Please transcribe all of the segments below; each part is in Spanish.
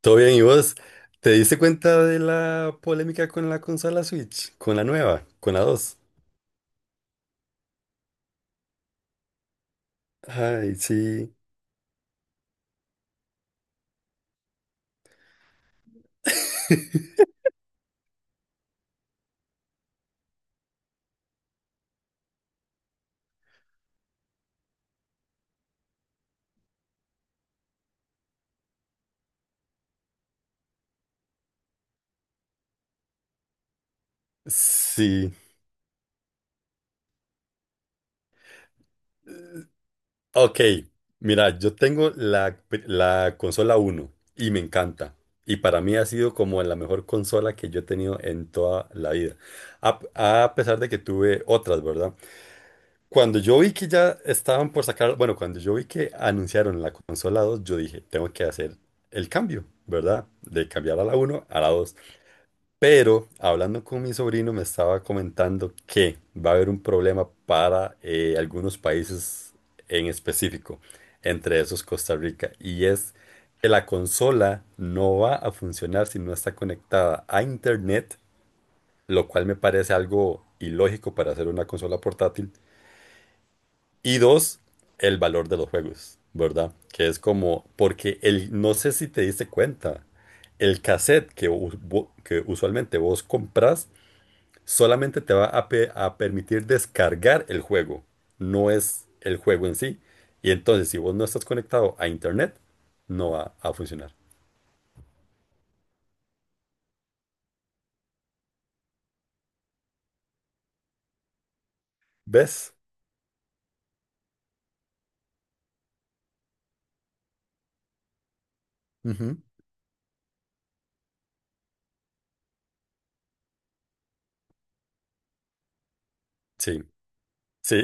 Todo bien, ¿y vos? ¿Te diste cuenta de la polémica con la consola Switch? Con la nueva, con la dos. Ay, sí. Sí. Ok, mira, yo tengo la consola uno y me encanta. Y para mí ha sido como la mejor consola que yo he tenido en toda la vida. A, a pesar de que tuve otras, ¿verdad? Cuando yo vi que ya estaban por sacar, bueno, cuando yo vi que anunciaron la consola 2, yo dije, tengo que hacer el cambio, ¿verdad? De cambiar a la uno a la 2. Pero hablando con mi sobrino me estaba comentando que va a haber un problema para algunos países en específico, entre esos Costa Rica, y es que la consola no va a funcionar si no está conectada a internet, lo cual me parece algo ilógico para hacer una consola portátil y dos, el valor de los juegos, ¿verdad? Que es como, porque el, no sé si te diste cuenta, el cassette que, que usualmente vos compras solamente te va a permitir descargar el juego, no es el juego en sí. Y entonces, si vos no estás conectado a internet, no va a funcionar. ¿Ves? Ujú. Sí, sí.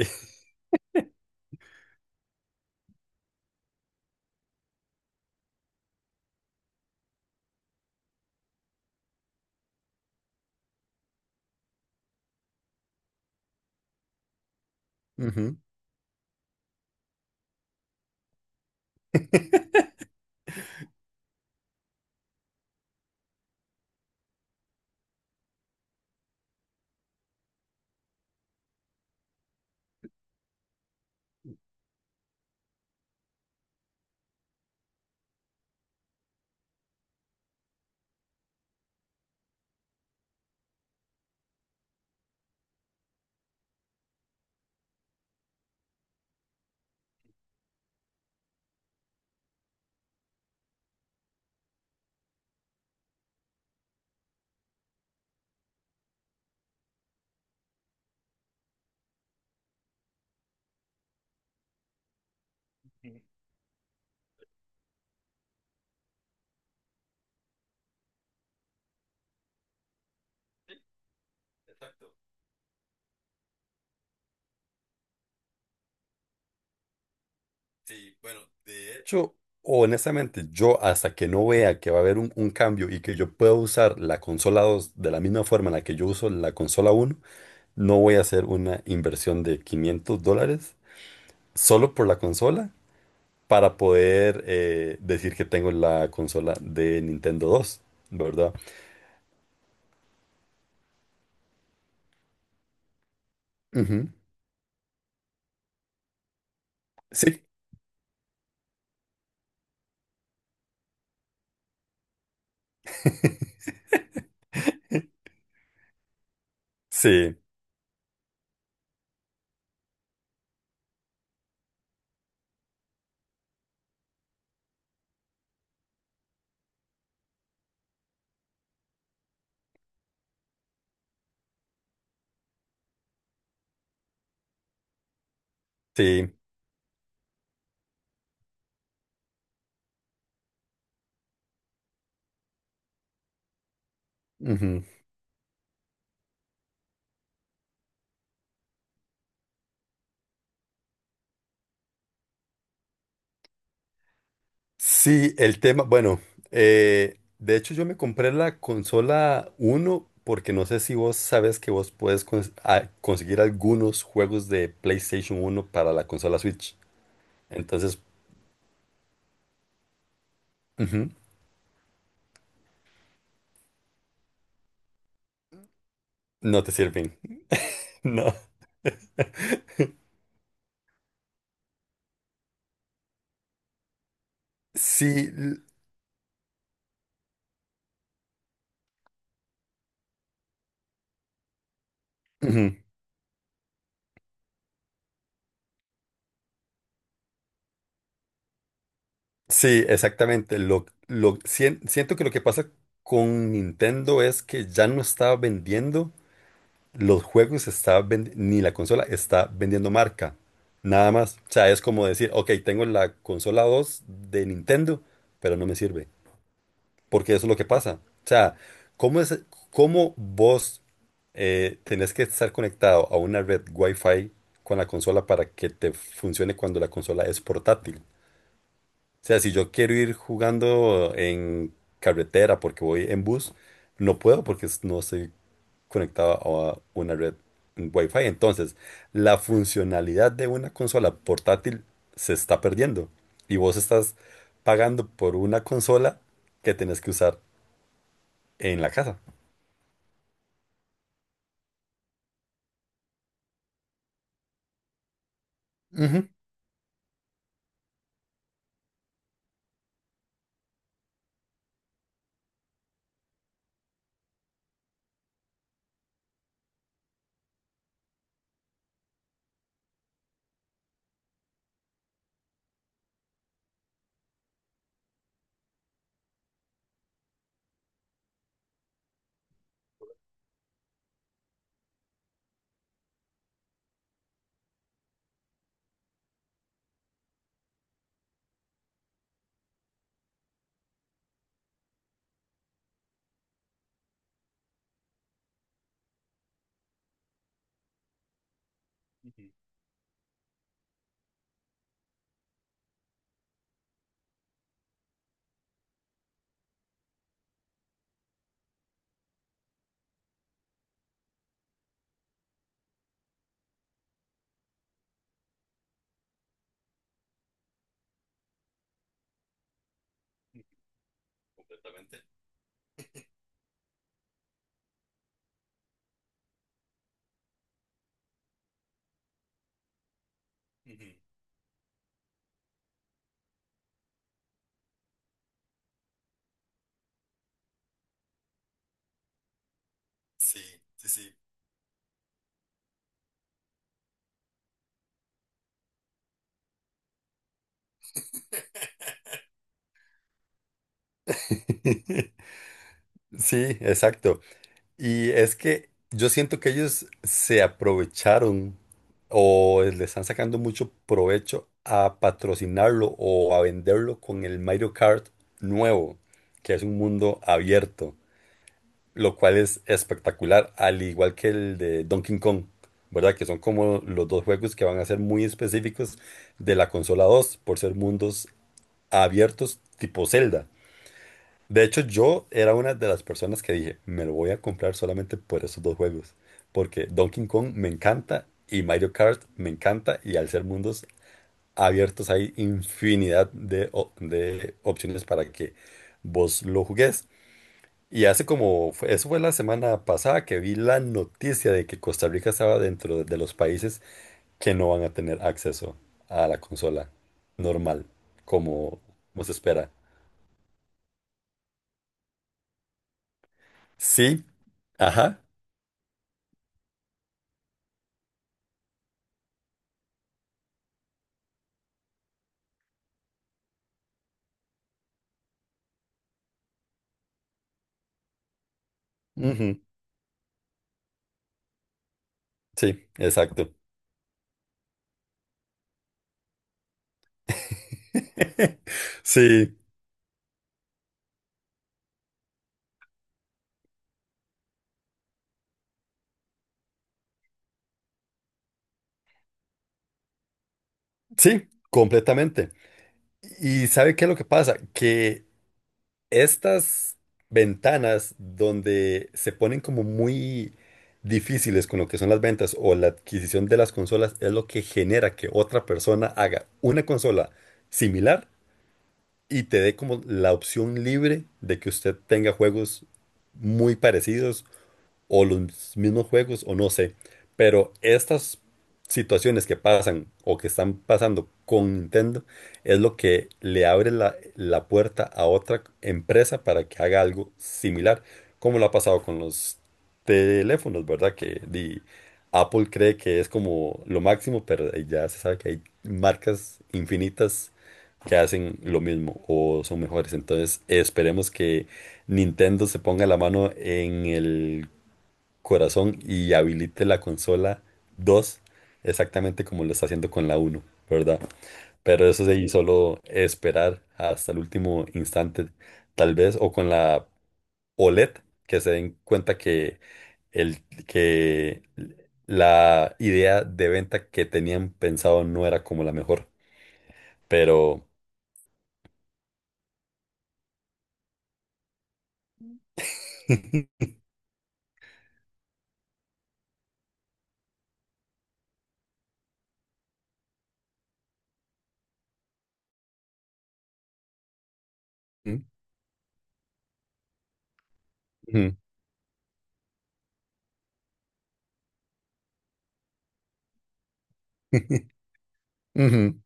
Ujú. Sí, bueno, de hecho, honestamente, yo hasta que no vea que va a haber un cambio y que yo pueda usar la consola 2 de la misma forma en la que yo uso la consola uno, no voy a hacer una inversión de 500 dólares solo por la consola para poder decir que tengo la consola de Nintendo dos, ¿verdad? Ujú. Sí, sí, sí. Ujú. Sí, el tema, bueno, de hecho yo me compré la consola uno porque no sé si vos sabes que vos puedes conseguir algunos juegos de PlayStation uno para la consola Switch. Entonces, ujú, no te sirven. No. Sí, l- ujú, sí, exactamente. Lo, siento que lo que pasa con Nintendo es que ya no está vendiendo. Los juegos está ni la consola está vendiendo marca, nada más. O sea, es como decir, ok, tengo la consola 2 de Nintendo, pero no me sirve, porque eso es lo que pasa. O sea, ¿cómo es, cómo vos tenés que estar conectado a una red Wi-Fi con la consola para que te funcione cuando la consola es portátil? O sea, si yo quiero ir jugando en carretera porque voy en bus, no puedo porque no estoy conectado a una red Wi-Fi. Entonces, la funcionalidad de una consola portátil se está perdiendo y vos estás pagando por una consola que tenés que usar en la casa. Ujú. Completamente. Ujú. Sí, sí, sí. Sí, exacto. Y es que yo siento que ellos se aprovecharon o le están sacando mucho provecho a patrocinarlo o a venderlo con el Mario Kart nuevo, que es un mundo abierto, lo cual es espectacular, al igual que el de Donkey Kong, ¿verdad? Que son como los dos juegos que van a ser muy específicos de la consola 2 por ser mundos abiertos tipo Zelda. De hecho, yo era una de las personas que dije, me lo voy a comprar solamente por esos dos juegos, porque Donkey Kong me encanta y Mario Kart me encanta y al ser mundos abiertos hay infinidad de, de opciones para que vos lo jugues. Y hace como, eso fue la semana pasada que vi la noticia de que Costa Rica estaba dentro de los países que no van a tener acceso a la consola normal, como, como se espera. Sí, ajá. Sí, exacto. Sí, sí, completamente. ¿Y sabe qué es lo que pasa? Que estas ventanas donde se ponen como muy difíciles con lo que son las ventas o la adquisición de las consolas es lo que genera que otra persona haga una consola similar y te dé como la opción libre de que usted tenga juegos muy parecidos o los mismos juegos o no sé, pero estas situaciones que pasan o que están pasando con Nintendo es lo que le abre la puerta a otra empresa para que haga algo similar, como lo ha pasado con los teléfonos, ¿verdad? Apple cree que es como lo máximo, pero ya se sabe que hay marcas infinitas que hacen lo mismo o son mejores. Entonces esperemos que Nintendo se ponga la mano en el corazón y habilite la consola 2 exactamente como lo está haciendo con la uno, ¿verdad? Pero eso sí, solo esperar hasta el último instante, tal vez, o con la OLED, que se den cuenta que la idea de venta que tenían pensado no era como la mejor, pero. Ujú, ujú,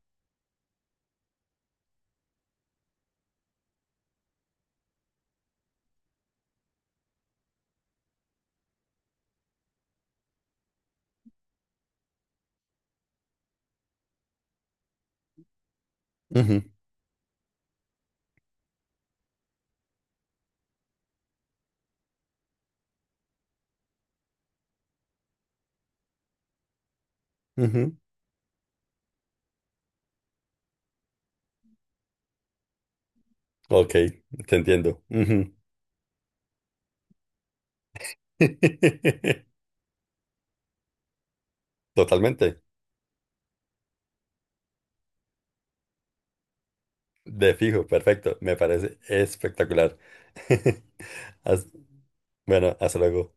ujú, ujú. Ok, te entiendo. Ujú. Totalmente. De fijo, perfecto. Me parece espectacular. Haz- Bueno, hasta luego.